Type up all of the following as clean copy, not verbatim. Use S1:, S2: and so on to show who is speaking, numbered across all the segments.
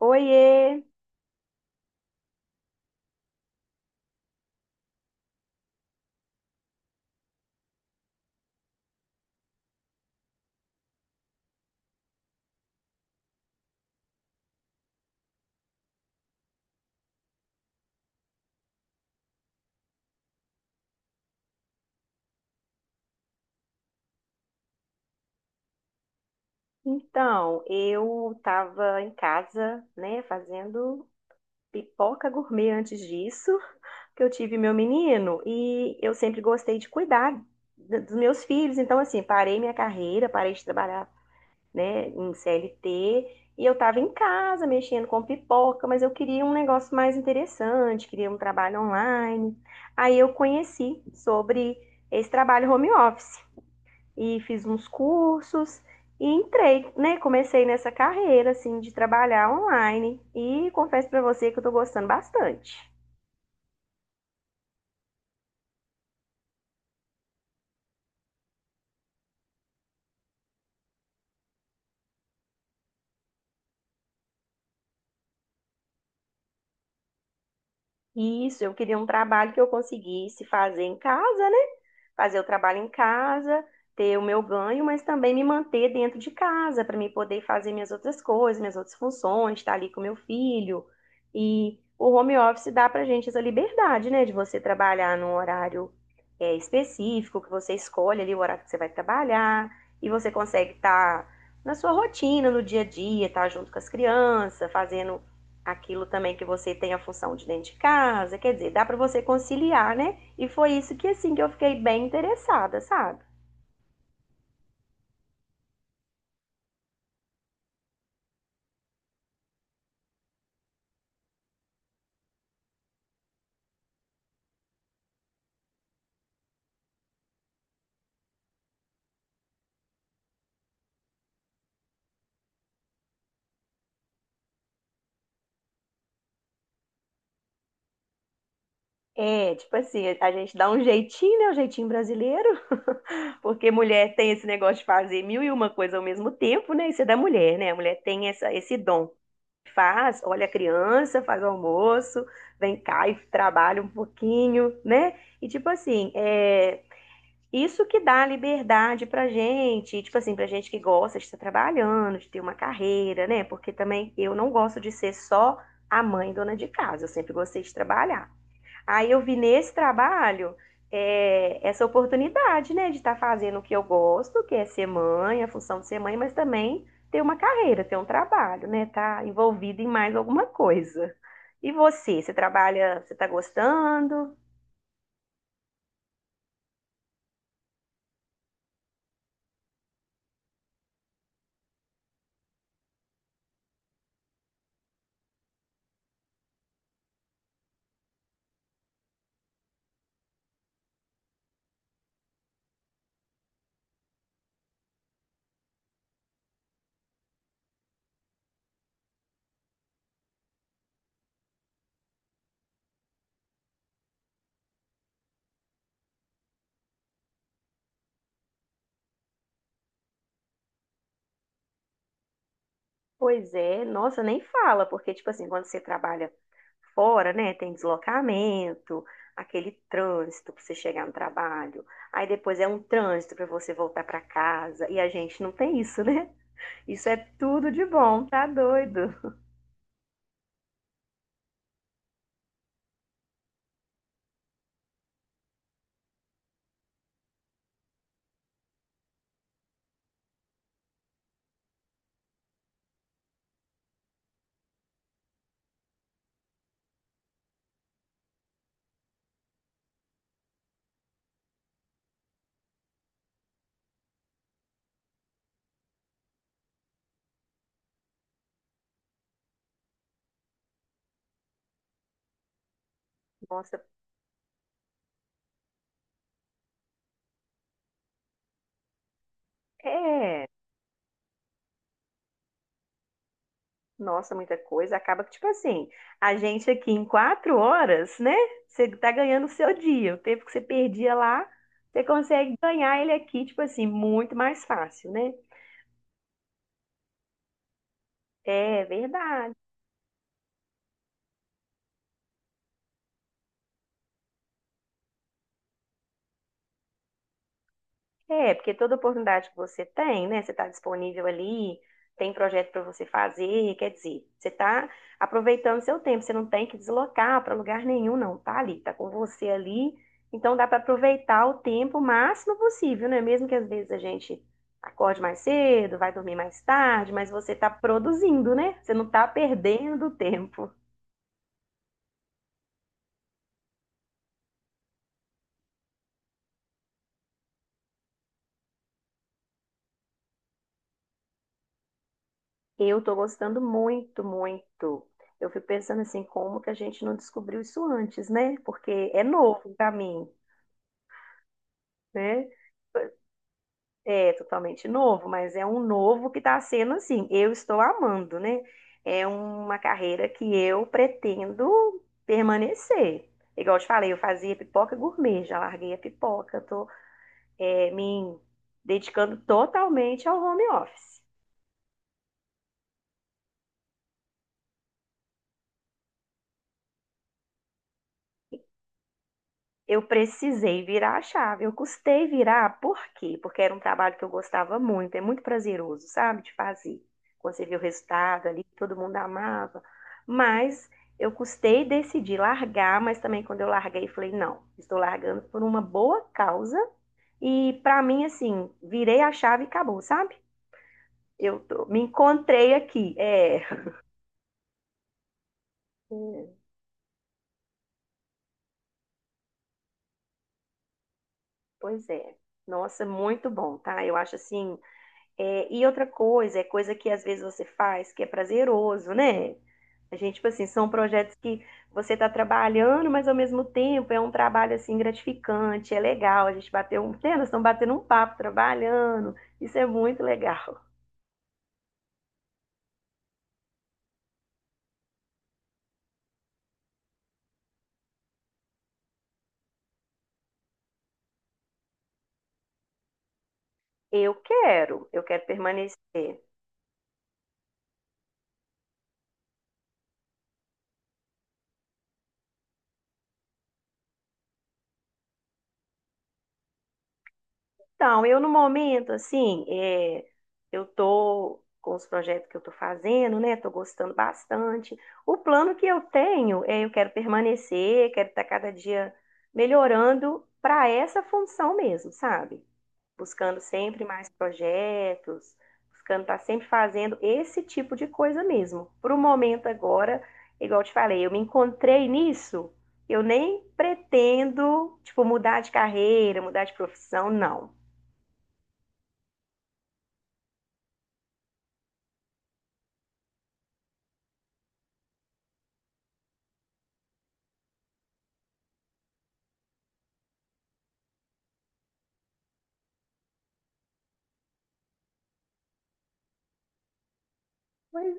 S1: Oiê! Então, eu estava em casa, né, fazendo pipoca gourmet antes disso, que eu tive meu menino, e eu sempre gostei de cuidar dos meus filhos. Então, assim, parei minha carreira, parei de trabalhar, né, em CLT, e eu estava em casa mexendo com pipoca, mas eu queria um negócio mais interessante, queria um trabalho online. Aí eu conheci sobre esse trabalho home office. E fiz uns cursos e entrei, né? Comecei nessa carreira assim de trabalhar online e confesso para você que eu tô gostando bastante. Isso, eu queria um trabalho que eu conseguisse fazer em casa, né? Fazer o trabalho em casa, ter o meu ganho, mas também me manter dentro de casa para me poder fazer minhas outras coisas, minhas outras funções, estar ali com meu filho. E o home office dá para gente essa liberdade, né? De você trabalhar num horário específico, que você escolhe ali o horário que você vai trabalhar e você consegue estar na sua rotina, no dia a dia, estar junto com as crianças, fazendo aquilo também que você tem a função de dentro de casa, quer dizer, dá para você conciliar, né? E foi isso que assim que eu fiquei bem interessada, sabe? É, tipo assim, a gente dá um jeitinho, né? O jeitinho brasileiro, porque mulher tem esse negócio de fazer mil e uma coisa ao mesmo tempo, né? Isso é da mulher, né? A mulher tem esse dom. Faz, olha a criança, faz o almoço, vem cá e trabalha um pouquinho, né? E tipo assim, é, isso que dá liberdade pra gente, tipo assim, pra gente que gosta de estar trabalhando, de ter uma carreira, né? Porque também eu não gosto de ser só a mãe dona de casa, eu sempre gostei de trabalhar. Aí eu vi nesse trabalho essa oportunidade, né, de estar fazendo o que eu gosto, que é ser mãe, a função de ser mãe, mas também ter uma carreira, ter um trabalho, né? Tá envolvido em mais alguma coisa. E você, você trabalha, você tá gostando? Pois é, nossa, nem fala, porque, tipo assim, quando você trabalha fora, né, tem deslocamento, aquele trânsito para você chegar no trabalho, aí depois é um trânsito para você voltar para casa, e a gente não tem isso, né? Isso é tudo de bom, tá doido? Nossa, é, nossa, muita coisa. Acaba que, tipo assim, a gente aqui em quatro horas, né, você tá ganhando o seu dia, o tempo que você perdia lá, você consegue ganhar ele aqui, tipo assim, muito mais fácil, né? É verdade. É, porque toda oportunidade que você tem, né? Você está disponível ali, tem projeto para você fazer, quer dizer, você está aproveitando seu tempo, você não tem que deslocar para lugar nenhum, não. Tá ali, tá com você ali. Então dá para aproveitar o tempo o máximo possível, né? Mesmo que às vezes a gente acorde mais cedo, vai dormir mais tarde, mas você está produzindo, né? Você não está perdendo tempo. Eu tô gostando muito, muito. Eu fico pensando assim, como que a gente não descobriu isso antes, né? Porque é novo pra mim, né? É totalmente novo, mas é um novo que tá sendo assim. Eu estou amando, né? É uma carreira que eu pretendo permanecer. Igual eu te falei, eu fazia pipoca gourmet, já larguei a pipoca, tô, é, me dedicando totalmente ao home office. Eu precisei virar a chave. Eu custei virar, por quê? Porque era um trabalho que eu gostava muito, é muito prazeroso, sabe, de fazer. Quando você vê o resultado ali, todo mundo amava. Mas eu custei decidir largar, mas também quando eu larguei, falei, não, estou largando por uma boa causa. E para mim, assim, virei a chave e acabou, sabe? Eu tô- me encontrei aqui. É. Hum, pois é. Nossa, muito bom, tá? Eu acho assim é, e outra coisa, é coisa que às vezes você faz que é prazeroso, né? A gente, tipo assim, são projetos que você está trabalhando, mas ao mesmo tempo é um trabalho assim gratificante, é legal. A gente bateu um, né, nós estamos batendo um papo trabalhando, isso é muito legal. Eu quero permanecer. Então, eu no momento, assim, é, eu tô com os projetos que eu tô fazendo, né? Tô gostando bastante. O plano que eu tenho é eu quero permanecer, quero estar cada dia melhorando para essa função mesmo, sabe? Buscando sempre mais projetos, buscando estar sempre fazendo esse tipo de coisa mesmo. Pro momento agora, igual eu te falei, eu me encontrei nisso. Eu nem pretendo, tipo, mudar de carreira, mudar de profissão, não. Pois,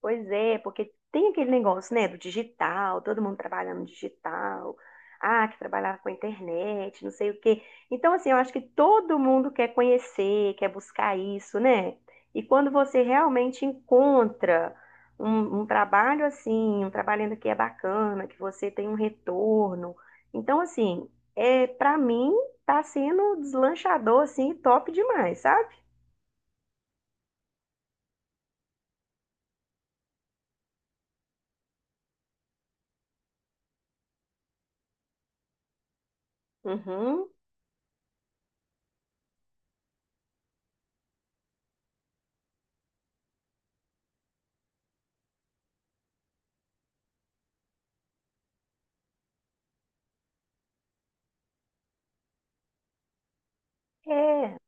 S1: pois é, porque tem aquele negócio, né, do digital, todo mundo trabalhando no digital, ah, que trabalhava com a internet, não sei o quê. Então, assim, eu acho que todo mundo quer conhecer, quer buscar isso, né? E quando você realmente encontra um trabalho assim, um trabalho ainda que é bacana, que você tem um retorno. Então, assim, é, para mim, tá sendo deslanchador, assim, top demais, sabe? Uhum. É,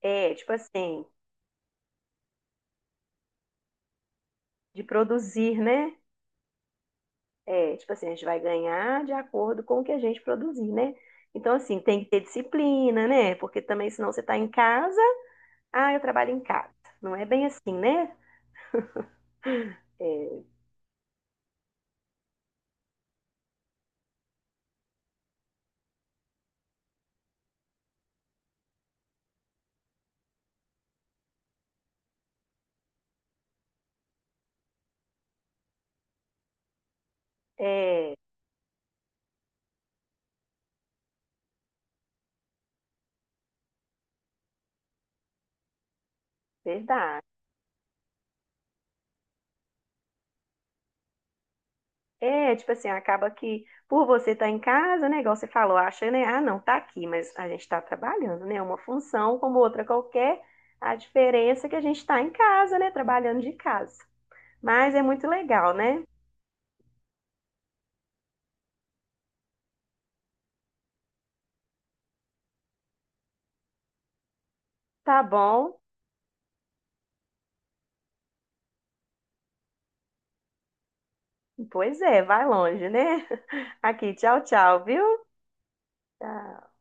S1: é, tipo assim. De produzir, né? É, tipo assim, a gente vai ganhar de acordo com o que a gente produzir, né? Então, assim, tem que ter disciplina, né? Porque também, senão você está em casa, ah, eu trabalho em casa. Não é bem assim, né? É, é verdade. É, tipo assim, acaba que por você estar em casa, né? Igual você falou, acha, né? Ah, não, tá aqui, mas a gente está trabalhando, né? Uma função como outra qualquer. A diferença é que a gente está em casa, né? Trabalhando de casa. Mas é muito legal, né? Tá bom. Pois é, vai longe, né? Aqui, tchau, tchau, viu? Tchau.